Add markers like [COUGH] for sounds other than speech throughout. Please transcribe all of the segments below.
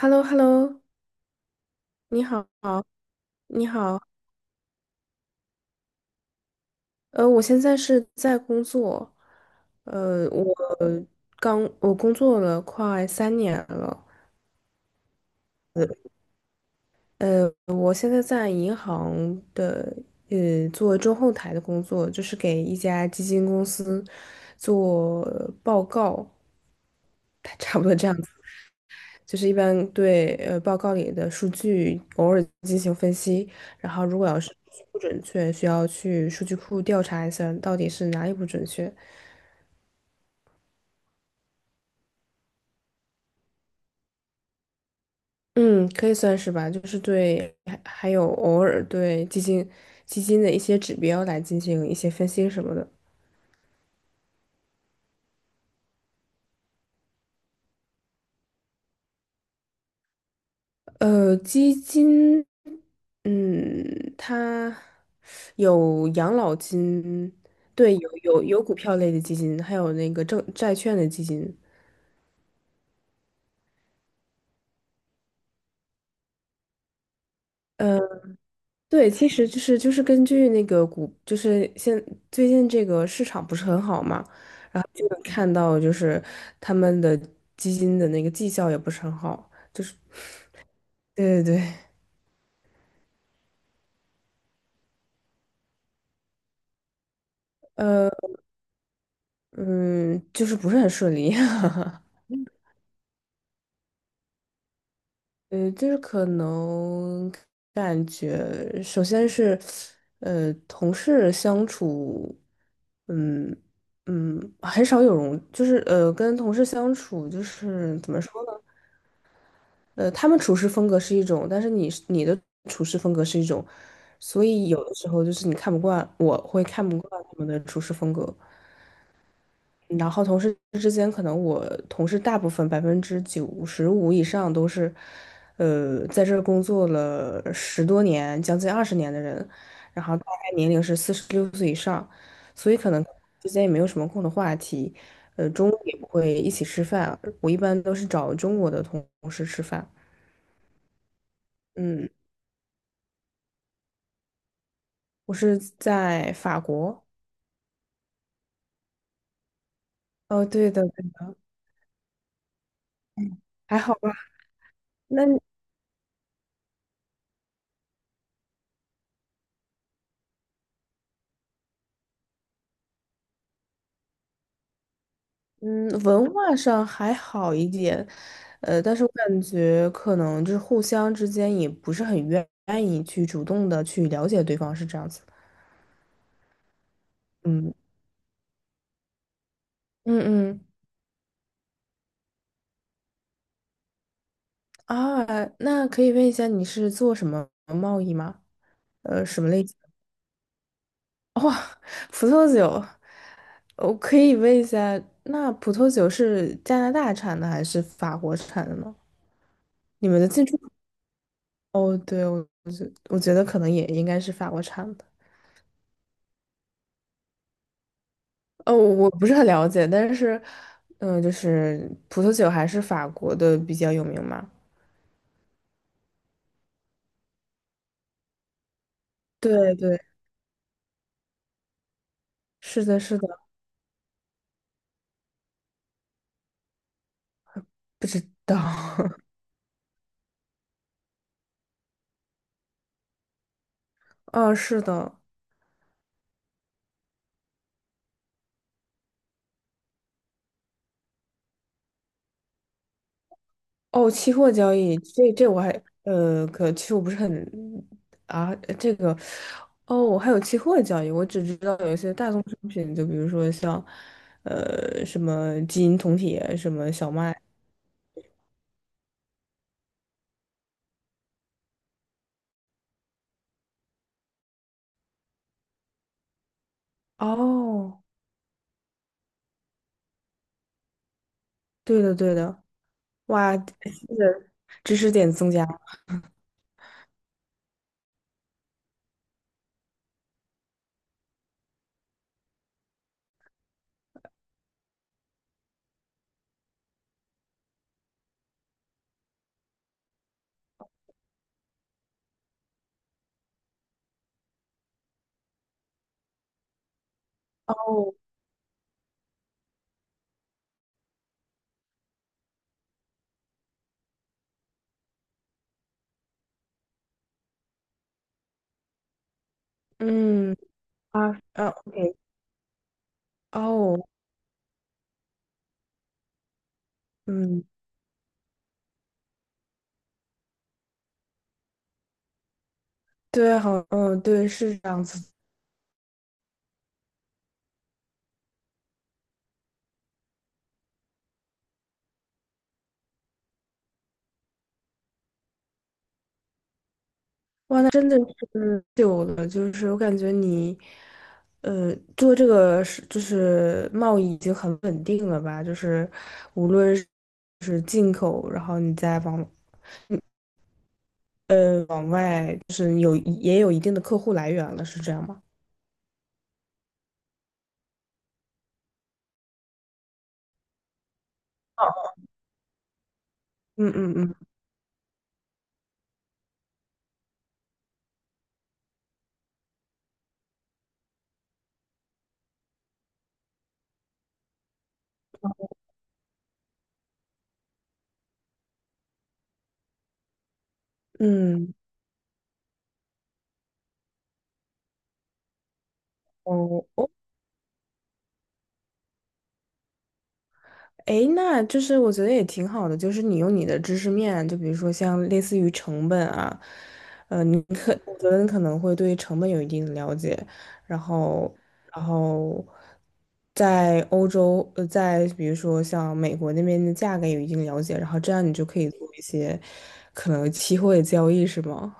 h e l l o h e l l o 你好，你好。我现在是在工作。呃，我我工作了快3年了。我现在在银行的做中后台的工作，就是给一家基金公司做报告。[LAUGHS] 差不多这样子。就是一般对报告里的数据偶尔进行分析，然后如果要是不准确，需要去数据库调查一下到底是哪里不准确。嗯，可以算是吧，就是对，还有偶尔对基金的一些指标来进行一些分析什么的。基金，嗯，它有养老金，对，有股票类的基金，还有那个证债券的基金。呃对，其实就是根据那个股，就是现最近这个市场不是很好嘛，然后就能看到就是他们的基金的那个绩效也不是很好，就是对对对。呃嗯，就是不是很顺利。[LAUGHS] 就是可能感觉首先是同事相处。嗯嗯，很少有容，就是跟同事相处就是怎么说呢？他们处事风格是一种，但是你的处事风格是一种，所以有的时候就是你看不惯，我会看不惯他们的处事风格。然后同事之间，可能我同事大部分95%以上都是，在这儿工作了10多年，将近20年的人，然后大概年龄是46岁以上，所以可能之间也没有什么共同话题。中午也不会一起吃饭，我一般都是找中国的同事吃饭。嗯，我是在法国。哦，对的，对。还好吧。那嗯，文化上还好一点。但是我感觉可能就是互相之间也不是很愿意去主动的去了解对方，是这样子的。嗯嗯嗯，啊，那可以问一下你是做什么贸易吗？什么类？哇，葡萄酒，我可以问一下，那葡萄酒是加拿大产的还是法国产的呢？你们的进出口？哦，对，我觉得可能也应该是法国产的。哦，我不是很了解，但是，嗯、就是葡萄酒还是法国的比较有名嘛？对对，是的，是的。不知道。[LAUGHS] 哦，是的。哦，期货交易，这我还可其实我不是很啊，这个哦，我还有期货交易。我只知道有一些大宗商品，就比如说像什么金银铜铁，什么小麦。哦，对的对的。哇，是的，知识点增加。哦，嗯，啊啊，OK，哦，嗯，对，好，嗯，对，是这样子。哇，那真的是久了，就是我感觉你，做这个是就是贸易已经很稳定了吧？就是无论是进口，然后你再往往外有也有一定的客户来源了，是这样吗？哦，嗯嗯嗯嗯。哦哦。诶，那就是我觉得也挺好的，就是你用你的知识面，就比如说像类似于成本啊。你可我觉得你可能会对成本有一定的了解，然后，然后，在欧洲，在比如说像美国那边的价格有一定了解，然后这样你就可以做一些可能期货的交易，是吗？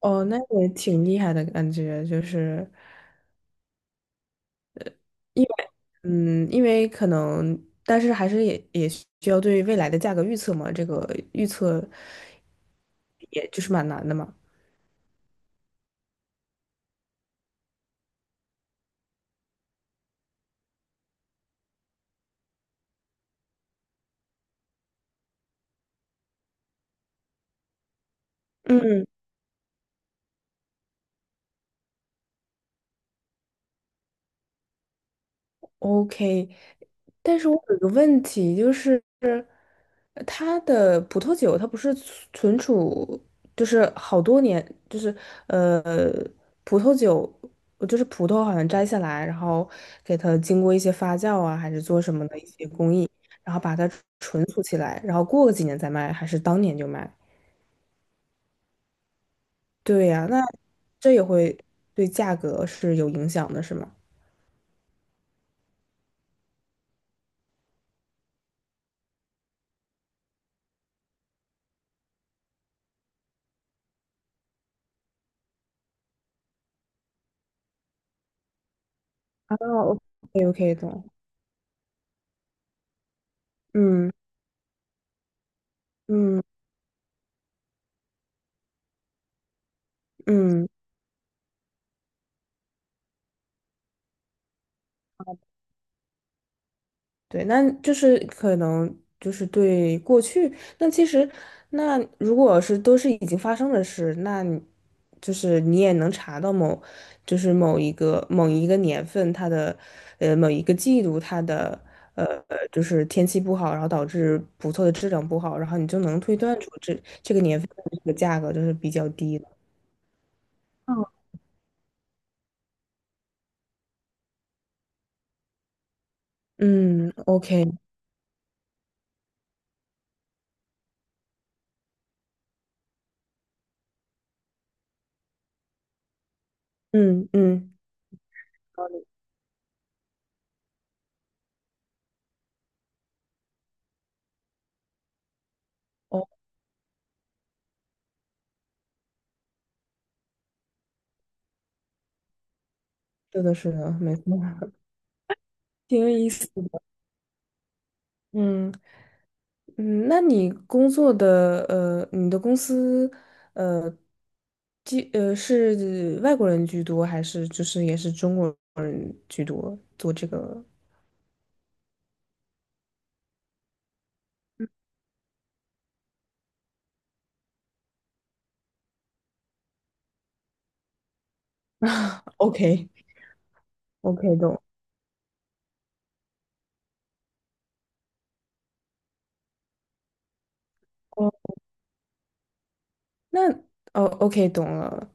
哦，那也挺厉害的感觉，就是。嗯，因为可能，但是还是也需要对未来的价格预测嘛，这个预测也就是蛮难的嘛。嗯，OK。但是我有一个问题，就是它的葡萄酒，它不是存储，就是好多年，就是呃，葡萄酒，就是葡萄好像摘下来，然后给它经过一些发酵啊，还是做什么的一些工艺，然后把它存储起来，然后过个几年再卖，还是当年就卖？对呀，那这也会对价格是有影响的，是吗？啊，OK 的，嗯嗯嗯。对，那就是可能就是对过去，那其实那如果是都是已经发生的事，那你就是你也能查到某，就是某一个年份它的，某一个季度它的，呃，就是天气不好，然后导致葡萄的质量不好，然后你就能推断出这个年份的这个价格就是比较低的。嗯，OK。嗯嗯，哦，是的，是的，没错。挺有意思的，嗯。嗯，那你工作的你的公司呃，居是外国人居多，还是就是也是中国人居多做这个 [LAUGHS] OK，？OK，懂。哦，那哦，OK，懂了。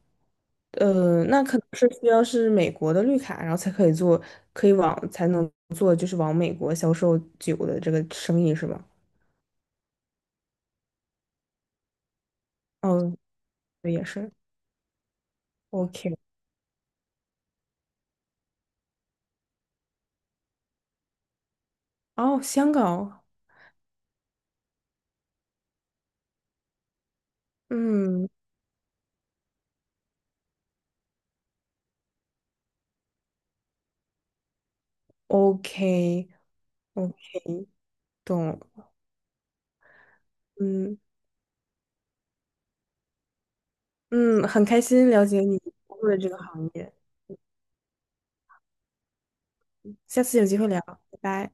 那可能是需要是美国的绿卡，然后才可以做，可以往才能做，就是往美国销售酒的这个生意是吗？哦，对也是。OK，哦，香港，嗯，OK OK，懂了。嗯嗯，很开心了解你工作的这个行业，下次有机会聊，拜拜。